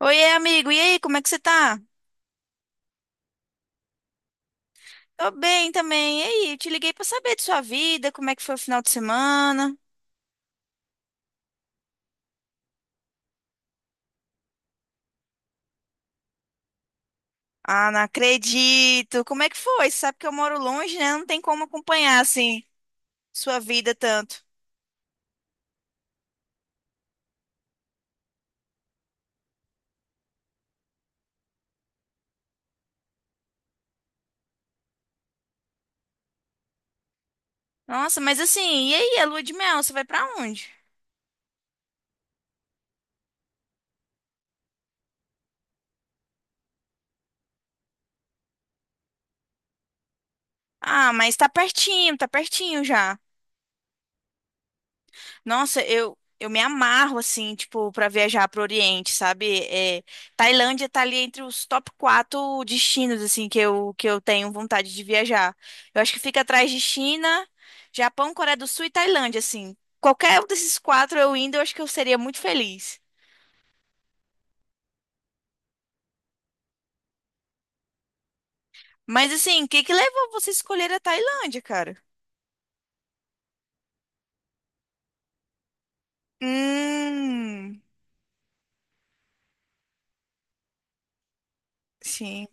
Oiê, amigo. E aí, como é que você tá? Tô bem também. E aí, eu te liguei pra saber de sua vida, como é que foi o final de semana? Ah, não acredito. Como é que foi? Você sabe que eu moro longe, né? Não tem como acompanhar, assim, sua vida tanto. Nossa, mas assim, e aí, a lua de mel, você vai pra onde? Ah, mas tá pertinho já. Nossa, eu me amarro, assim, tipo, pra viajar pro Oriente, sabe? Tailândia tá ali entre os top quatro destinos, assim, que eu tenho vontade de viajar. Eu acho que fica atrás de China, Japão, Coreia do Sul e Tailândia, assim. Qualquer um desses quatro eu indo, eu acho que eu seria muito feliz. Mas, assim, o que que levou você a escolher a Tailândia, cara? Hum, sim.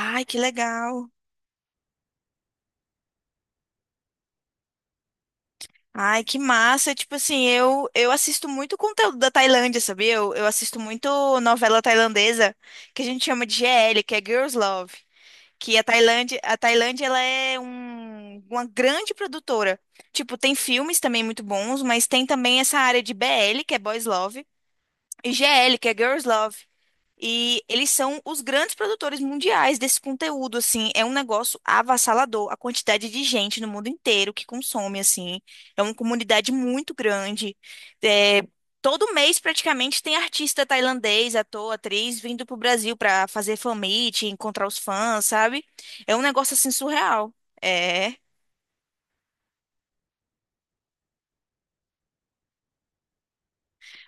Ai, que legal. Ai, que massa. Tipo assim, eu assisto muito conteúdo da Tailândia, sabia? Eu assisto muito novela tailandesa, que a gente chama de GL, que é Girls Love. Que a Tailândia, ela é uma grande produtora. Tipo, tem filmes também muito bons, mas tem também essa área de BL, que é Boys Love, e GL, que é Girls Love. E eles são os grandes produtores mundiais desse conteúdo, assim, é um negócio avassalador, a quantidade de gente no mundo inteiro que consome, assim, é uma comunidade muito grande. É, todo mês, praticamente, tem artista tailandês, ator, atriz, vindo pro Brasil para fazer fan meet, encontrar os fãs, sabe? É um negócio, assim, surreal. É...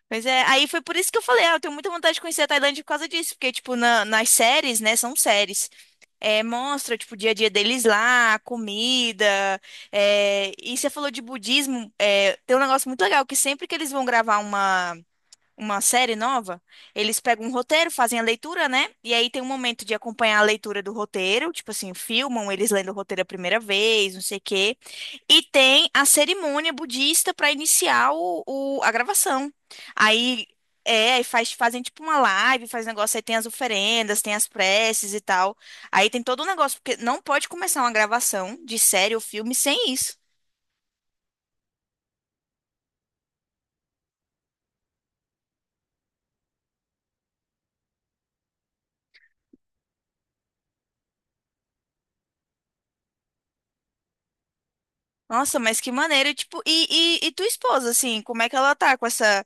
Pois é, aí foi por isso que eu falei, ah, eu tenho muita vontade de conhecer a Tailândia por causa disso, porque, tipo, nas séries, né, são séries. É, mostra, tipo, o dia a dia deles lá, a comida. É, e você falou de budismo, é, tem um negócio muito legal, que sempre que eles vão gravar uma série nova, eles pegam um roteiro, fazem a leitura, né? E aí tem um momento de acompanhar a leitura do roteiro, tipo assim, filmam eles lendo o roteiro a primeira vez, não sei o quê. E tem a cerimônia budista para iniciar a gravação. Aí é, aí faz, fazem tipo uma live, faz negócio, aí tem as oferendas, tem as preces e tal. Aí tem todo um negócio, porque não pode começar uma gravação de série ou filme sem isso. Nossa, mas que maneiro, tipo, e tua esposa, assim, como é que ela tá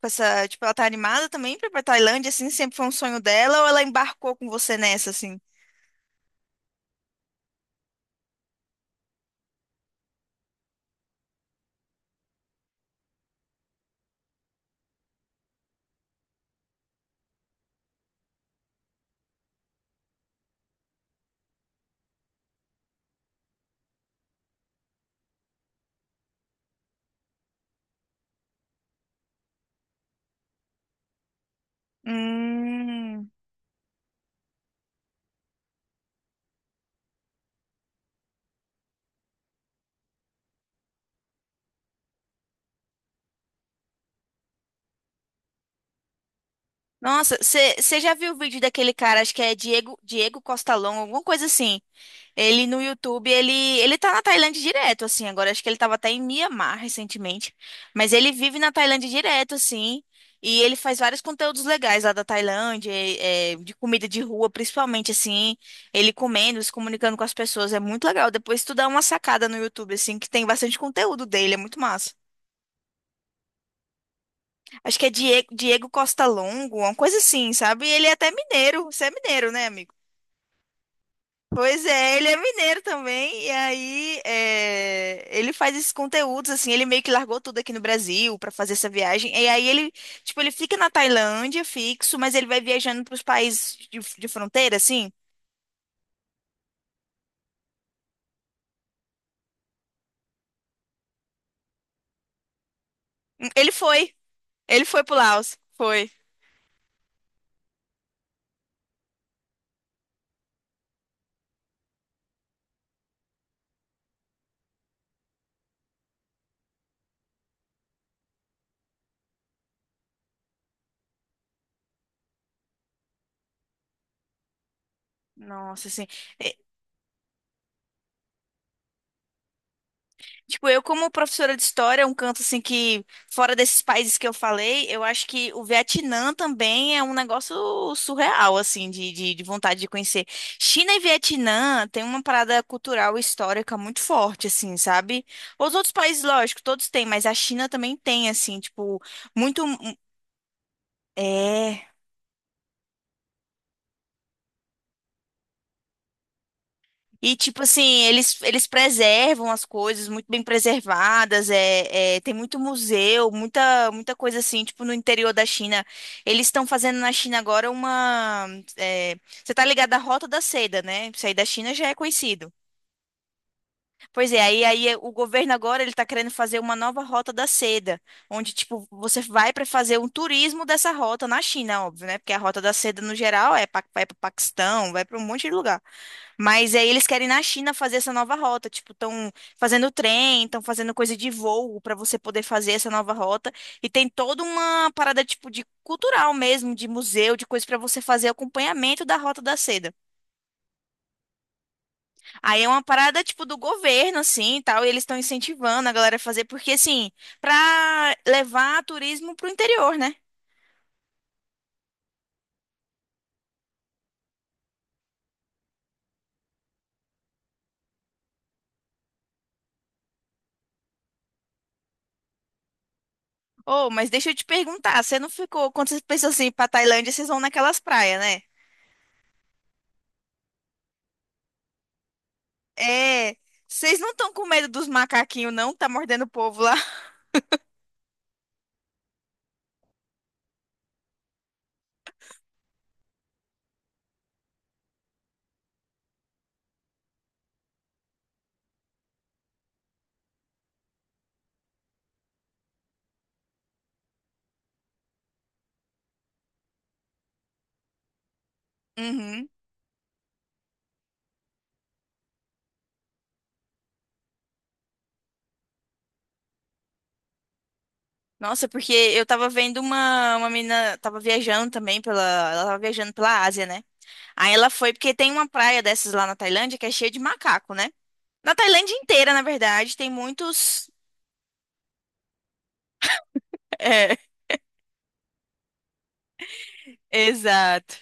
com essa, tipo, ela tá animada também pra ir pra Tailândia, assim, sempre foi um sonho dela, ou ela embarcou com você nessa, assim? Hum. Nossa, você já viu o vídeo daquele cara, acho que é Diego, Diego Costa Long, alguma coisa assim, ele no YouTube, ele tá na Tailândia direto, assim. Agora acho que ele tava até em Mianmar recentemente. Mas ele vive na Tailândia direto, assim. E ele faz vários conteúdos legais lá da Tailândia, é, de comida de rua, principalmente, assim. Ele comendo, se comunicando com as pessoas. É muito legal. Depois tu dá uma sacada no YouTube, assim, que tem bastante conteúdo dele. É muito massa. Acho que é Diego, Diego Costa Longo, uma coisa assim, sabe? E ele é até mineiro. Você é mineiro, né, amigo? Pois é, ele é mineiro também, e aí é, ele faz esses conteúdos, assim, ele meio que largou tudo aqui no Brasil pra fazer essa viagem, e aí ele, tipo, ele fica na Tailândia fixo, mas ele vai viajando pros países de fronteira, assim. Ele foi, ele foi pro Laos, foi. Nossa, assim. Tipo, eu como professora de história, é um canto assim que, fora desses países que eu falei, eu acho que o Vietnã também é um negócio surreal, assim, de vontade de conhecer. China e Vietnã tem uma parada cultural e histórica muito forte, assim, sabe? Os outros países, lógico, todos têm, mas a China também tem, assim, tipo, muito... É... E, tipo assim, eles preservam as coisas muito bem preservadas, tem muito museu, muita, muita coisa assim, tipo no interior da China. Eles estão fazendo na China agora uma. É, você tá ligado à Rota da Seda, né? Isso aí da China já é conhecido. Pois é, o governo agora ele tá querendo fazer uma nova Rota da Seda, onde, tipo, você vai para fazer um turismo dessa rota na China, óbvio, né? Porque a Rota da Seda, no geral, é para vai para Paquistão, vai para um monte de lugar. Mas aí eles querem na China fazer essa nova rota, tipo, estão fazendo trem, estão fazendo coisa de voo para você poder fazer essa nova rota e tem toda uma parada tipo de cultural mesmo, de museu, de coisa para você fazer acompanhamento da Rota da Seda. Aí é uma parada tipo do governo assim, e tal, e eles estão incentivando a galera a fazer porque assim, para levar turismo pro interior, né? Oh, mas deixa eu te perguntar, você não ficou, quando vocês pensam assim, pra Tailândia, vocês vão naquelas praias, né? É, vocês não estão com medo dos macaquinhos, não? Tá mordendo o povo lá. Uhum. Nossa, porque eu tava vendo uma menina, tava viajando também pela, ela tava viajando pela Ásia, né? Aí ela foi porque tem uma praia dessas lá na Tailândia que é cheia de macaco, né? Na Tailândia inteira, na verdade, tem muitos. É, exato.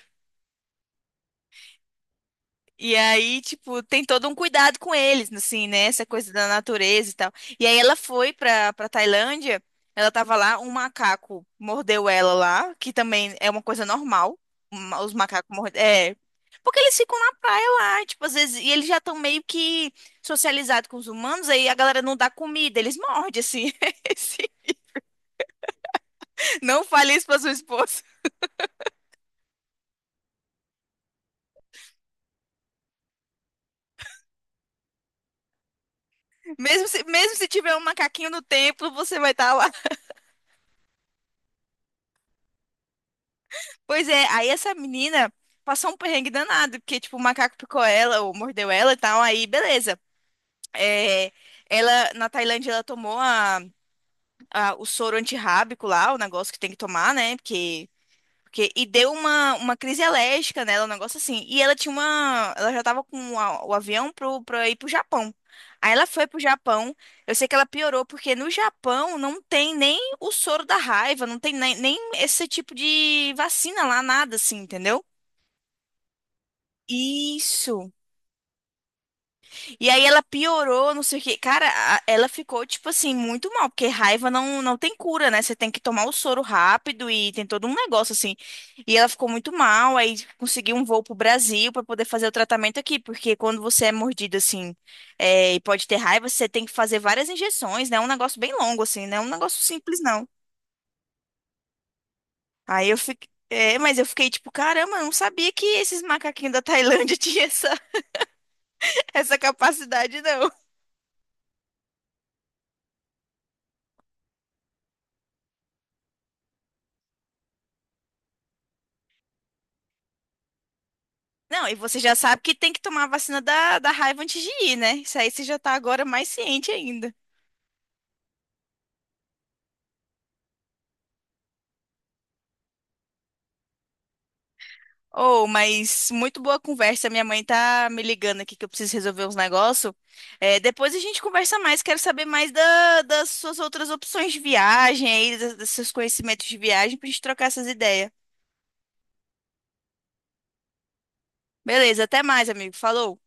E aí, tipo, tem todo um cuidado com eles, assim, né? Essa coisa da natureza e tal. E aí ela foi pra Tailândia, ela tava lá, um macaco mordeu ela lá, que também é uma coisa normal. Os macacos mordem. É. Porque eles ficam na praia lá, tipo, às vezes, e eles já estão meio que socializados com os humanos, aí a galera não dá comida, eles mordem, assim. Assim. Não fale isso pra sua esposa. Mesmo se tiver um macaquinho no templo, você vai estar. Pois é, aí essa menina passou um perrengue danado, porque, tipo, o macaco picou ela, ou mordeu ela e tal, aí beleza. É, ela, na Tailândia, ela tomou o soro antirrábico lá, o negócio que tem que tomar, né? E deu uma crise alérgica nela, um negócio assim. E ela tinha uma. Ela já tava com o avião pra ir pro Japão. Aí ela foi pro Japão. Eu sei que ela piorou, porque no Japão não tem nem o soro da raiva, não tem nem, nem esse tipo de vacina lá, nada assim, entendeu? Isso. E aí ela piorou, não sei o quê. Cara, ela ficou, tipo assim, muito mal, porque raiva não tem cura, né? Você tem que tomar o soro rápido e tem todo um negócio assim. E ela ficou muito mal, aí conseguiu um voo pro Brasil pra poder fazer o tratamento aqui, porque quando você é mordido assim, é, e pode ter raiva, você tem que fazer várias injeções, né? É um negócio bem longo, assim, não é um negócio simples, não. Aí eu fiquei. É, mas eu fiquei tipo, caramba, eu não sabia que esses macaquinhos da Tailândia tinham essa, essa capacidade, não. Não, e você já sabe que tem que tomar a vacina da raiva antes de ir, né? Isso aí você já tá agora mais ciente ainda. Oh, mas muito boa conversa. Minha mãe tá me ligando aqui que eu preciso resolver uns negócios. Depois a gente conversa mais. Quero saber mais das suas outras opções de viagem aí, dos seus conhecimentos de viagem, pra gente trocar essas ideias. Beleza, até mais, amigo. Falou!